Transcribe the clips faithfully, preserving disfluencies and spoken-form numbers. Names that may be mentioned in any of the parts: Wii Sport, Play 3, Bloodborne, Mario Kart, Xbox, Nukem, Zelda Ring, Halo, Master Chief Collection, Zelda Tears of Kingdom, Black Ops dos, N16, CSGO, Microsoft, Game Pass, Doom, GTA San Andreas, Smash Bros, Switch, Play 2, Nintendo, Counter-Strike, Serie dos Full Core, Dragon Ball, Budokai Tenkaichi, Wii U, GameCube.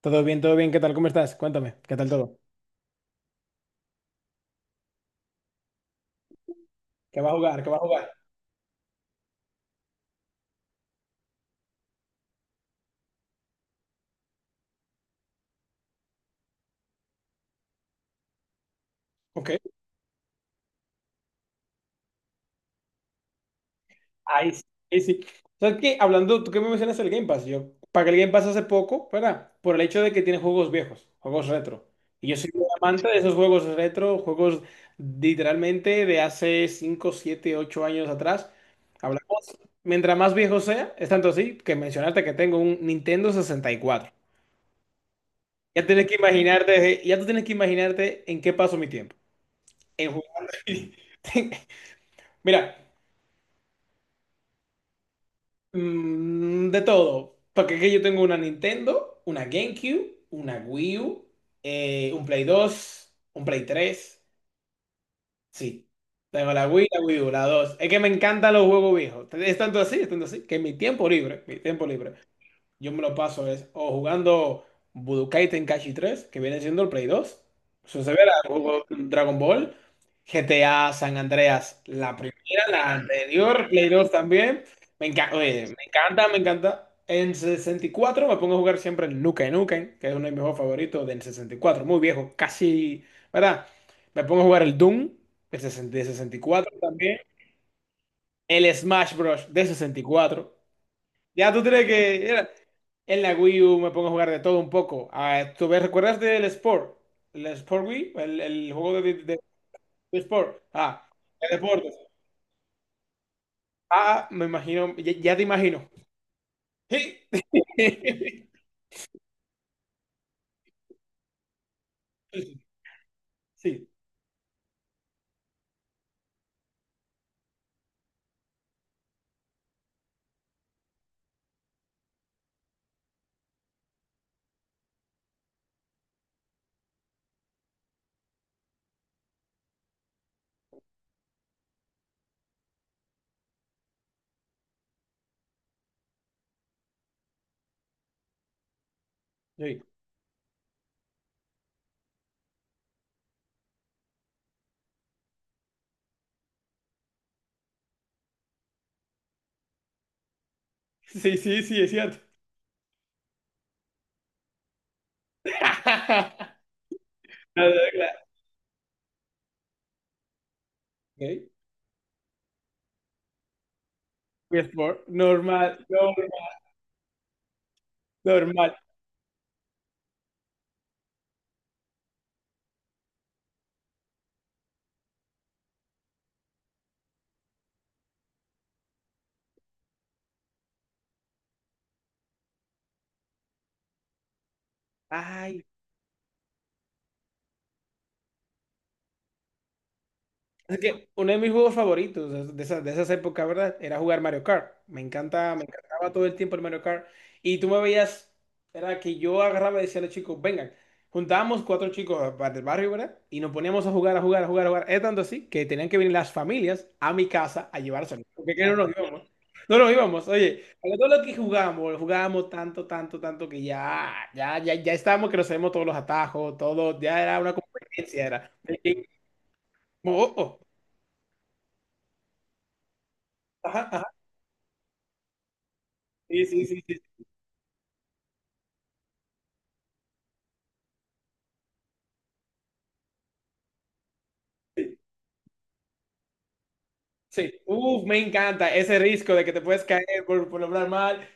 Todo bien, todo bien. ¿Qué tal? ¿Cómo estás? Cuéntame, ¿qué tal todo? ¿Qué va a jugar? ¿Qué va a jugar? Ok. Ahí sí. Ahí sí. ¿Sabes qué? Hablando, tú que me mencionas el Game Pass, yo pagué el Game Pass hace poco, ¿verdad? Por el hecho de que tiene juegos viejos, juegos retro. Y yo soy un amante de esos juegos retro, juegos literalmente de hace cinco siete ocho años atrás. Hablamos, mientras más viejo sea, es tanto así que mencionaste que tengo un Nintendo sesenta y cuatro. Ya tienes que imaginarte, ya tú tienes que imaginarte en qué paso mi tiempo. En jugar. Mira, mm, de todo. Porque es que yo tengo una Nintendo, una GameCube, una Wii U, eh, un Play dos, un Play tres. Sí. Tengo la Wii, la Wii U, la dos. Es que me encantan los juegos viejos. Es tanto así, es tanto así, que en mi tiempo libre, mi tiempo libre, Yo me lo paso, es o jugando Budokai Tenkaichi tres que viene siendo el Play dos. Eso se verá, juego Dragon Ball, G T A San Andreas, la primera, la anterior, Play dos también. Me encanta, oye, me encanta, me encanta. En sesenta y cuatro me pongo a jugar siempre el Nukem Nukem, que es uno de mis juegos favoritos del sesenta y cuatro muy viejo, casi, ¿verdad? Me pongo a jugar el Doom, el sesenta de sesenta y cuatro también. El Smash Bros. De sesenta y cuatro. Ya tú tienes que. Era- en la Wii U me pongo a jugar de todo un poco. Ah, ¿tú ves- recuerdas del Sport? ¿El Sport Wii? ¿El, el juego de, de- de Sport? Ah, de deportes. Ah, me imagino, ya, ya te imagino. Sí, sí, sí, sí, sí, sí, es cierto. Claro, claro. Ok. Wii Sport, normal, normal, normal. Ay, es que uno de mis juegos favoritos es de esas, de esas épocas, ¿verdad? Era jugar Mario Kart. Me encanta, me encantaba todo el tiempo el Mario Kart. Y tú me veías, era que yo agarraba y decía a los chicos, vengan, juntábamos cuatro chicos pa- del barrio, ¿verdad? Y nos poníamos a jugar, a jugar, a jugar, a jugar. Es tanto así que tenían que venir las familias a mi casa a llevarse. Porque es que no nos íbamos. No nos íbamos, oye, pero todo lo que jugamos jugábamos tanto, tanto, tanto que ya, ya, ya, ya estábamos que nos sabemos todos los atajos, todo, ya era una competencia, era. Oh, oh, ajá, sí, sí, sí, sí, sí. Sí. Uf, me encanta ese riesgo de que te puedes caer por, por hablar mal.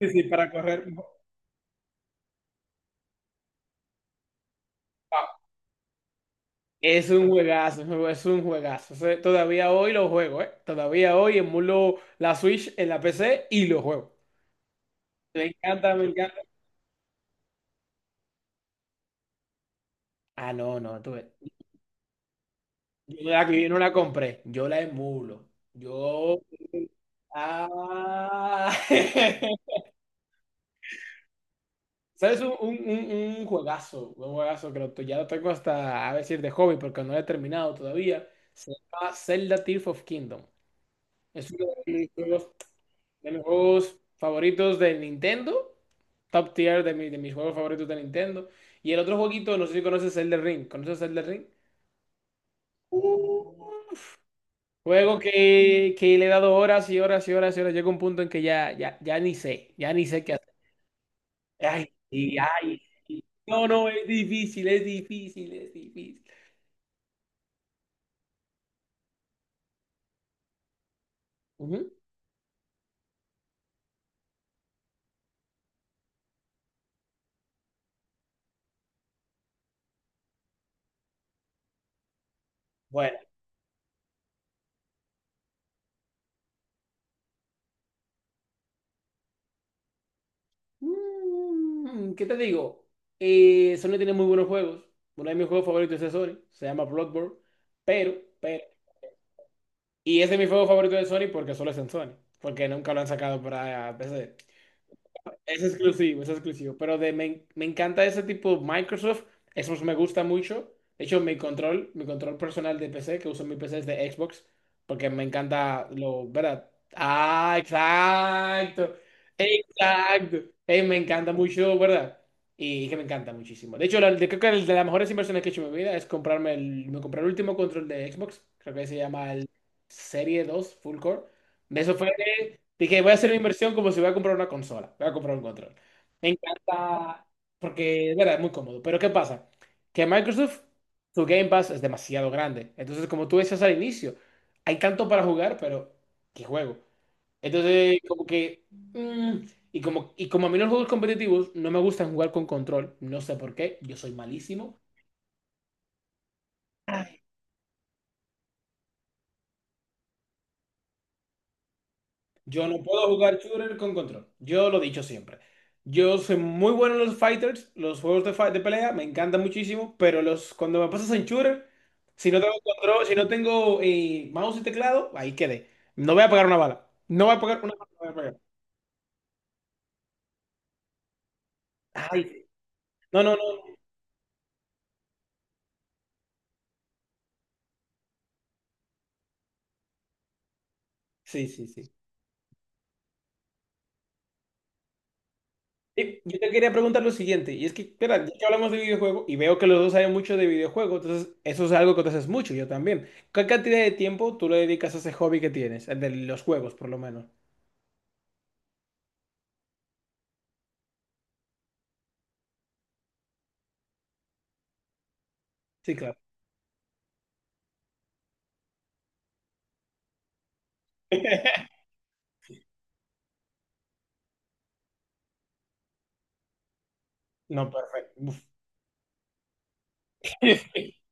Sí, sí, para correr. Wow. Es un juegazo, es un jue- es un juegazo. O sea, todavía hoy lo juego, ¿eh? Todavía hoy emulo la Switch en la P C y lo juego. Me encanta, me encanta. Ah, no, no, tú ves. Yo, no la, yo no la compré, yo la emulo. Yo. Ah. ¿Sabes? Un, un, un- un juegazo, un juegazo que lo- ya lo tengo hasta, a decir, de hobby, porque no lo he terminado todavía. Se llama Zelda Tears of Kingdom. Es uno de mis juegos, de mis juegos favoritos de Nintendo, top tier de, mi- de mis juegos favoritos de Nintendo. Y el otro jueguito, no sé si conoces Zelda Ring. ¿Conoces Zelda Ring? Uf. Juego que, que le he dado horas y horas y horas y horas. Llega un punto en que ya, ya, ya ni sé, ya ni sé qué hacer. Ay, sí, ay, sí. No, no, es difícil, es difícil, es difícil. Ujú. Bueno, Mm, ¿qué te digo? Eh, Sony tiene muy buenos juegos. Uno de mis juegos favoritos es de Sony, se llama Bloodborne, pero, pero, y ese es mi juego favorito de Sony porque solo es en Sony, porque nunca lo han sacado para P C. Es exclusivo, es exclusivo. Pero de, me, me encanta ese tipo Microsoft. Eso me gusta mucho. De hecho, mi control, mi control personal de P C, que uso en mi P C es de Xbox, porque me encanta lo, ¿verdad? Ah, exacto. Exacto. Eh, me encanta mucho, ¿verdad? Y que me encanta muchísimo. De hecho, la- de- creo que el de las mejores inversiones que he hecho en mi vida es comprarme el, me compré el último control de Xbox. Creo que se llama el Serie dos Full Core. De eso fue. Dije, voy a hacer una inversión como si voy a comprar una consola, voy a comprar un control. Me encanta porque, es verdad, es muy cómodo. Pero ¿qué pasa? Que Microsoft, su Game Pass es demasiado grande. Entonces, como tú decías al inicio, hay tanto para jugar, pero ¿qué juego? Entonces, como que, mm, y como, y como a mí los juegos competitivos no me gustan jugar con control, no sé por qué, yo soy malísimo. Yo no puedo jugar shooter con control. Yo lo he dicho siempre. Yo soy muy bueno en los fighters, los juegos de, fi- de pelea, me encantan muchísimo, pero los, cuando me pasas en shooter, si no tengo control, si no tengo eh, mouse y teclado, ahí quedé. No voy a pegar una bala. No voy a pegar una bala. no voy a pegar. Ay, no, no, no. Sí, sí, sí. Y Yo te quería preguntar lo siguiente, y es que, espera, ya que hablamos de videojuegos y veo que los dos saben mucho de videojuegos, entonces eso es algo que tú haces mucho, yo también. ¿Qué cantidad de tiempo tú le dedicas a ese hobby que tienes, el de los juegos, por lo menos? Sí, claro. No, perfecto. Uf.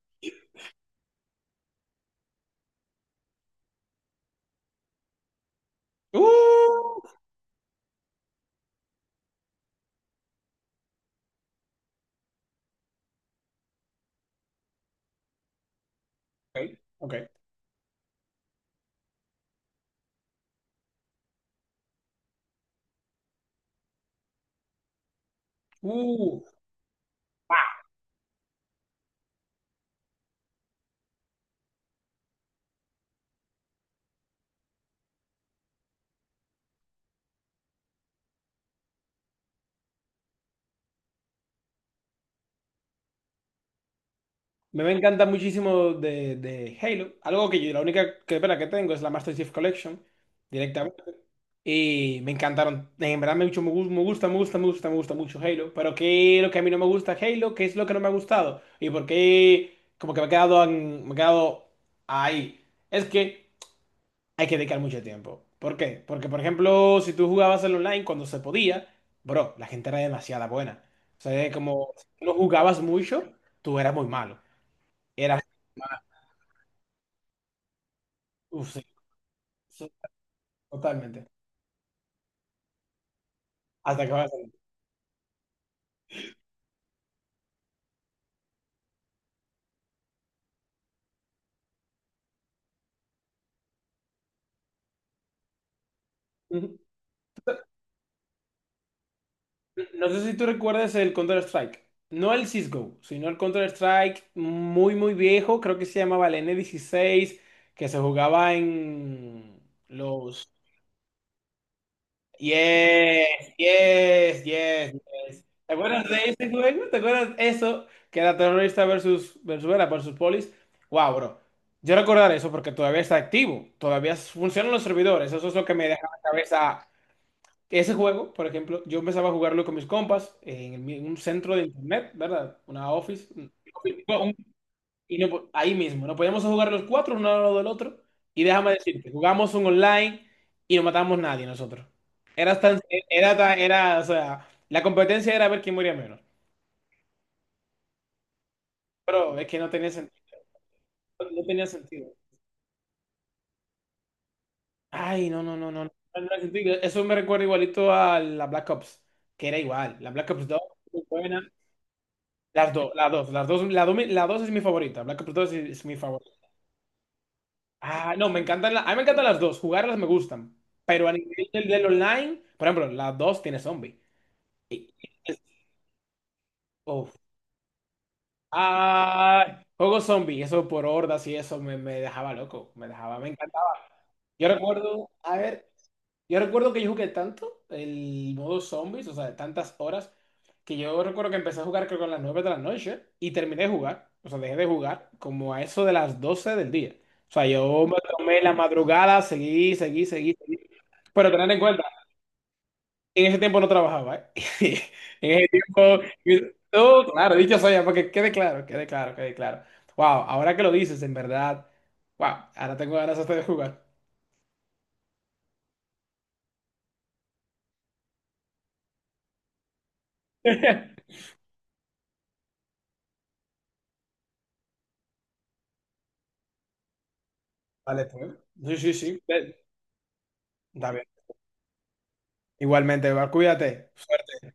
Uh, ok, ok. Uh, me me encanta muchísimo de, de Halo. Algo que yo, la única que, pena que tengo es la Master Chief Collection directamente. Y me encantaron. En verdad me mucho, me gu- me gusta, me gusta, me gusta, me gusta mucho Halo. Pero ¿qué es lo que a mí no me gusta Halo? ¿Qué es lo que no me ha gustado? ¿Y por qué como que me he quedado, en- me he quedado ahí? Es que hay que dedicar mucho tiempo. ¿Por qué? Porque, por ejemplo, si tú jugabas en online cuando se podía, bro, la gente era demasiada buena. O sea, es como si tú no jugabas mucho, tú eras muy malo. Eras, uf, sí, sí, totalmente. Hasta que vas a- Ujú. No sé si tú recuerdas el Counter-Strike. No el C S G O, sino el Counter-Strike muy, muy viejo. Creo que se llamaba el N dieciséis, que se jugaba en los. Yes, yes, yes, yes. ¿Te acuerdas de ese juego? ¿Te acuerdas eso? Que era terrorista versus versus Venezuela versus polis. Wow, bro. Yo recordar eso porque todavía está activo. Todavía funcionan los servidores. Eso es lo que me deja la cabeza. Ese juego, por ejemplo, yo empezaba a jugarlo con mis compas en el mi- un centro de internet, ¿verdad? Una office, un y no, po- ahí mismo, nos poníamos a jugar los cuatro, uno al lado del otro. Y déjame decirte, jugamos un online y no matamos nadie nosotros. Era tan, era tan- era, o sea, la competencia era ver quién moría menos. Pero es que no tenía sentido, no tenía sentido. Ay, no, no, no, no, no, no tenía sentido. Eso me recuerda igualito a la Black Ops, que era igual. La Black Ops dos muy buena. Las dos, las dos, las dos, la dos, mi- la dos es mi favorita. Black Ops dos es, es mi favorita. Ah, no, me encantan, la- a mí me encantan las dos, jugarlas me gustan, pero a nivel del, del online, por ejemplo, las dos tiene zombie. Y- y- Uf. Ah, juego zombie, eso por hordas y eso me, me dejaba loco, me dejaba, me encantaba. Yo recuerdo, a ver, yo recuerdo que yo jugué tanto el modo zombies, o sea, de tantas horas, que yo recuerdo que empecé a jugar creo que a las nueve de la noche y terminé de jugar, o sea, dejé de jugar como a eso de las doce del día. O sea, yo me tomé la madrugada, seguí, seguí, seguí. Pero tener en cuenta, en ese tiempo no trabajaba, ¿eh? En ese tiempo, no, claro, dicho sea, porque quede claro, quede claro, quede claro. Wow, ahora que lo dices, en verdad, wow, ahora tengo ganas hasta de jugar. Vale, pues. Sí, sí, sí. Está bien. Igualmente, Eva, cuídate. Suerte.